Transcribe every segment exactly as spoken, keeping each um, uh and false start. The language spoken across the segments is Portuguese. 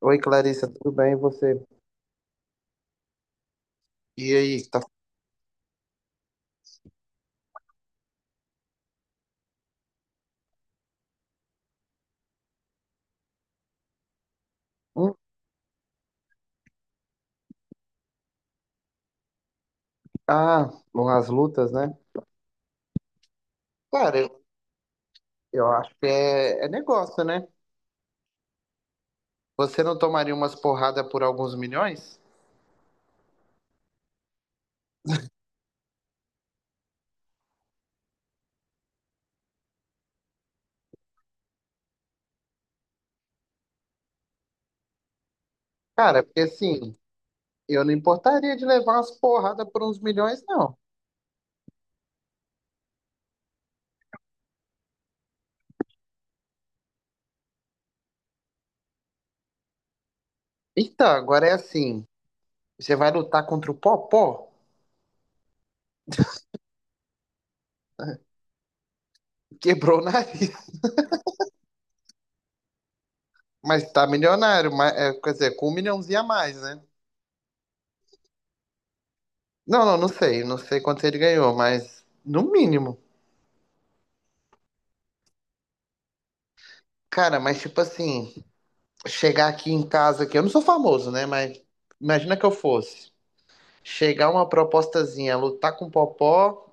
Oi, Clarissa, tudo bem? E você? E aí, tá. Hum, Ah, Bom, as lutas, né? Cara, eu, eu acho que é, é negócio, né? Você não tomaria umas porradas por alguns milhões? Cara, porque assim, eu não importaria de levar umas porradas por uns milhões, não. Então, agora é assim, você vai lutar contra o Popó? Quebrou o nariz, mas tá milionário, mas, é, quer dizer, com um milhãozinho a mais, né? Não, não, não sei, não sei quanto ele ganhou, mas no mínimo. Cara, mas tipo assim, chegar aqui em casa aqui, eu não sou famoso, né? Mas imagina que eu fosse. Chegar uma propostazinha, lutar com o Popó,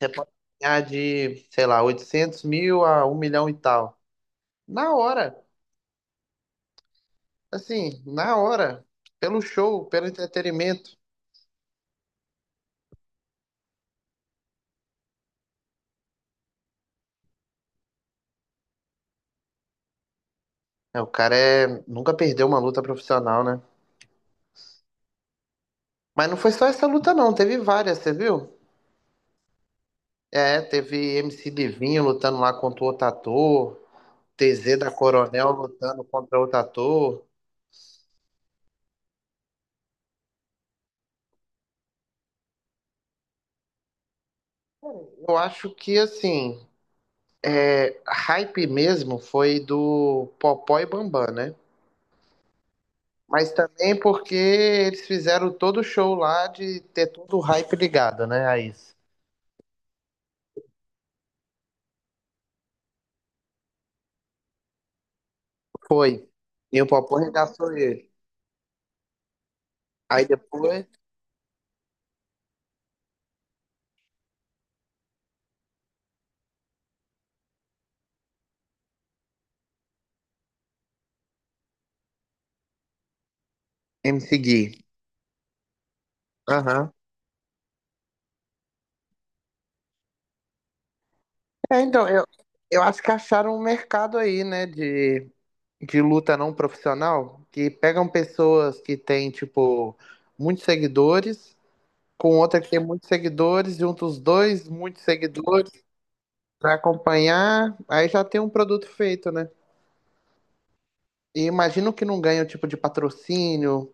você pode ganhar de, sei lá, oitocentos mil a um milhão e tal. Na hora, assim, na hora, pelo show, pelo entretenimento. É, o cara é, nunca perdeu uma luta profissional, né? Mas não foi só essa luta, não, teve várias, você viu? É, teve M C Livinho lutando lá contra o outro ator, T Z da Coronel lutando contra outro ator. Eu acho que, assim, hype mesmo foi do Popó e Bambam, né? Mas também porque eles fizeram todo o show lá de ter todo o hype ligado, né, a isso. Foi. E o Popó regaçou ele. Aí depois, M C Gui. Aham. É, então, eu, eu acho que acharam um mercado aí, né, de, de luta não profissional, que pegam pessoas que têm, tipo, muitos seguidores com outra que tem muitos seguidores, junta os dois, muitos seguidores, pra acompanhar, aí já tem um produto feito, né? E imagino que não ganha o tipo de patrocínio,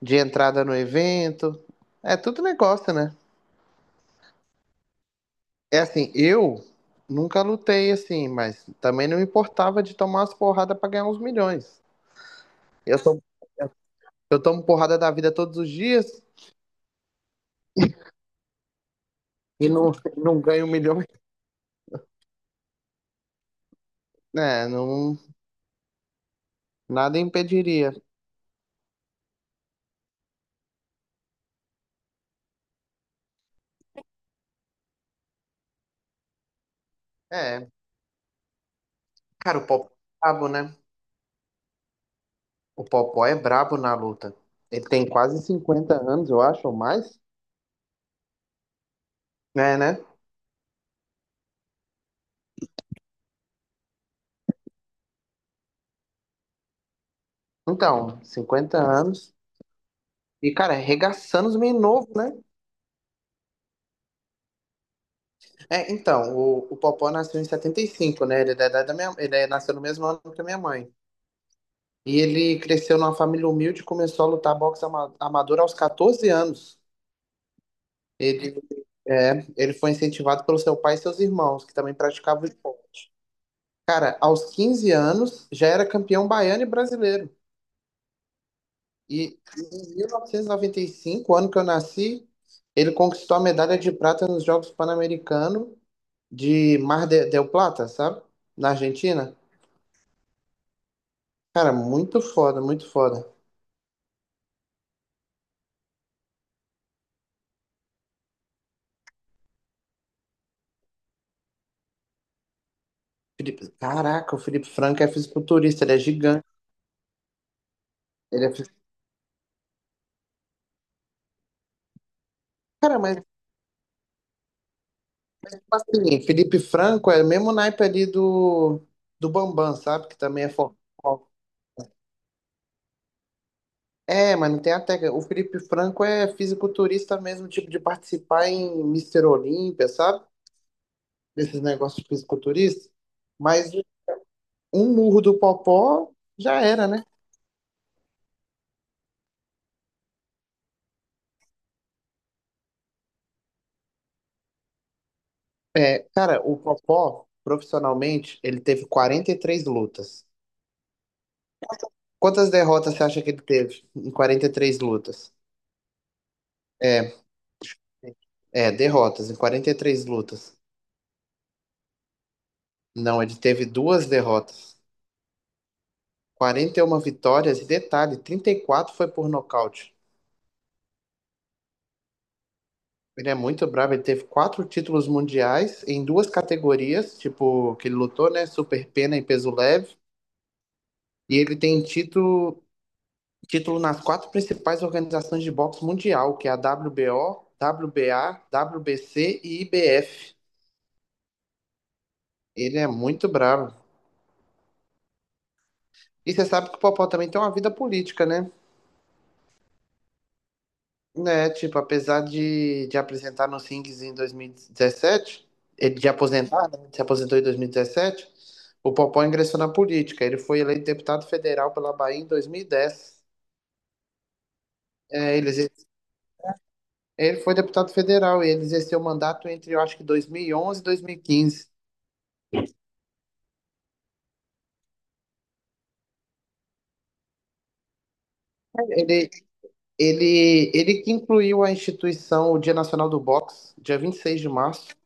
de entrada no evento. É tudo negócio, né? É assim, eu nunca lutei assim, mas também não importava de tomar as porradas pra ganhar uns milhões. Eu, to- eu tomo porrada da vida todos os dias e não, não ganho milhões. É, não, nada impediria. É, cara, o pau pro rabo, né? O Popó é brabo na luta. Ele tem quase cinquenta anos, eu acho, ou mais. É, né? Então, cinquenta anos. E, cara, é arregaçando os meninos novos, né? É, então, o, o Popó nasceu em setenta e cinco, né? Ele é da idade da minha, ele é- nasceu no mesmo ano que a minha mãe. E ele cresceu numa família humilde e começou a lutar boxe ama- amador aos catorze anos. Ele, é, ele foi incentivado pelo seu pai e seus irmãos, que também praticavam esporte. Cara, aos quinze anos, já era campeão baiano e brasileiro. E em mil novecentos e noventa e cinco, ano que eu nasci, ele conquistou a medalha de prata nos Jogos Pan-Americanos de Mar de- del Plata, sabe? Na Argentina. Cara, muito foda, muito foda. Felipe, caraca, o Felipe Franco é fisiculturista, ele é gigante. Ele é... fis- Cara, mas tipo assim, Felipe Franco é o mesmo naipe ali do, do Bambam, sabe? Que também é forte. É, mas não tem a técnica. O Felipe Franco é fisiculturista mesmo, tipo de participar em Mister Olímpia, sabe? Desses negócios fisiculturistas, mas um murro do Popó já era, né? Cara, o Popó, profissionalmente, ele teve quarenta e três lutas. Quantas derrotas você acha que ele teve em quarenta e três lutas? É, é, derrotas, em quarenta e três lutas. Não, ele teve duas derrotas. Quarenta e uma vitórias, e detalhe, trinta e quatro foi por nocaute. Ele é muito bravo, ele teve quatro títulos mundiais em duas categorias, tipo, que ele lutou, né? Super pena e peso leve. E ele tem título, título nas quatro principais organizações de boxe mundial, que é a W B O, W B A, W B C e I B F. Ele é muito bravo. E você sabe que o Popó também tem uma vida política, né? Né, tipo, apesar de, de apresentar nos rings em dois mil e dezessete, ele de aposentar, né? Se aposentou em dois mil e dezessete, o Popó ingressou na política. Ele foi eleito deputado federal pela Bahia em dois mil e dez. É, ele Ele foi deputado federal, ele exerceu mandato entre, eu acho que dois mil e onze e onze e dois mil e quinze. Ele, ele, ele que incluiu a instituição, o Dia Nacional do Boxe, dia vinte e seis de março,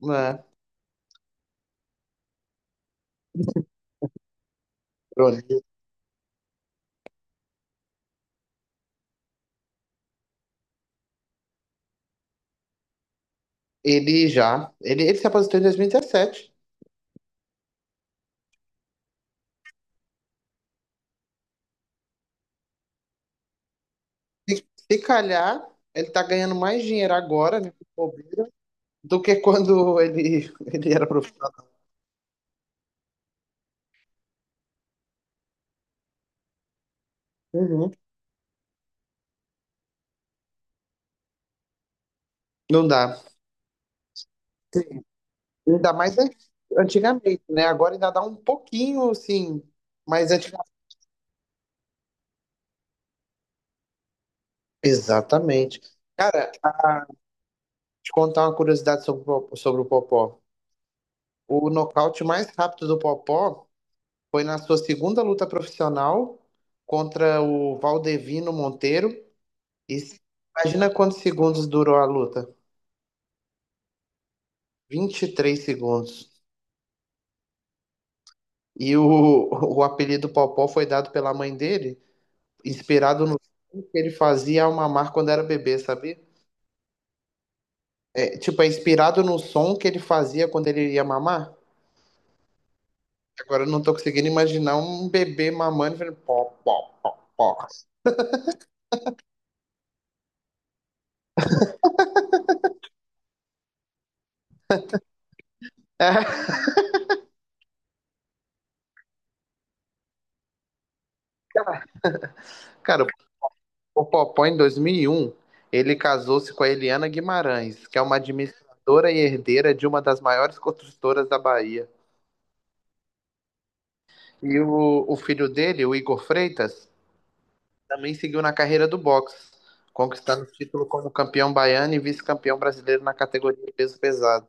né? Pronto. Ele já, ele, ele se aposentou em dois mil e dezessete. Se, se calhar, ele tá ganhando mais dinheiro agora, né, com bobeira, do que quando ele, ele era profissional. Uhum. Não dá. Sim. Ainda mais an- antigamente, né? Agora ainda dá um pouquinho, assim, mas antigamente. Exatamente. Cara, te contar uma curiosidade sobre o Popó. sobre o Popó. O nocaute mais rápido do Popó foi na sua segunda luta profissional contra o Valdevino Monteiro. E se- Imagina quantos segundos durou a luta? Vinte e três segundos. E o, o apelido Popó foi dado pela mãe dele, inspirado no som que ele fazia ao mamar quando era bebê, sabia? É, tipo, é inspirado no som que ele fazia quando ele ia mamar. Agora eu não tô conseguindo imaginar um bebê mamando e falando pó, pó, pó, pó. Cara, o Popó em dois mil e um, ele casou-se com a Eliana Guimarães, que é uma administradora e herdeira de uma das maiores construtoras da Bahia. E o, o filho dele, o Igor Freitas, também seguiu na carreira do boxe, conquistando o título como campeão baiano e vice-campeão brasileiro na categoria peso pesado.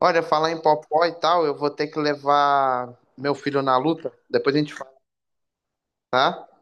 Olha, falar em Popó e tal, eu vou ter que levar meu filho na luta, depois a gente fala, tá?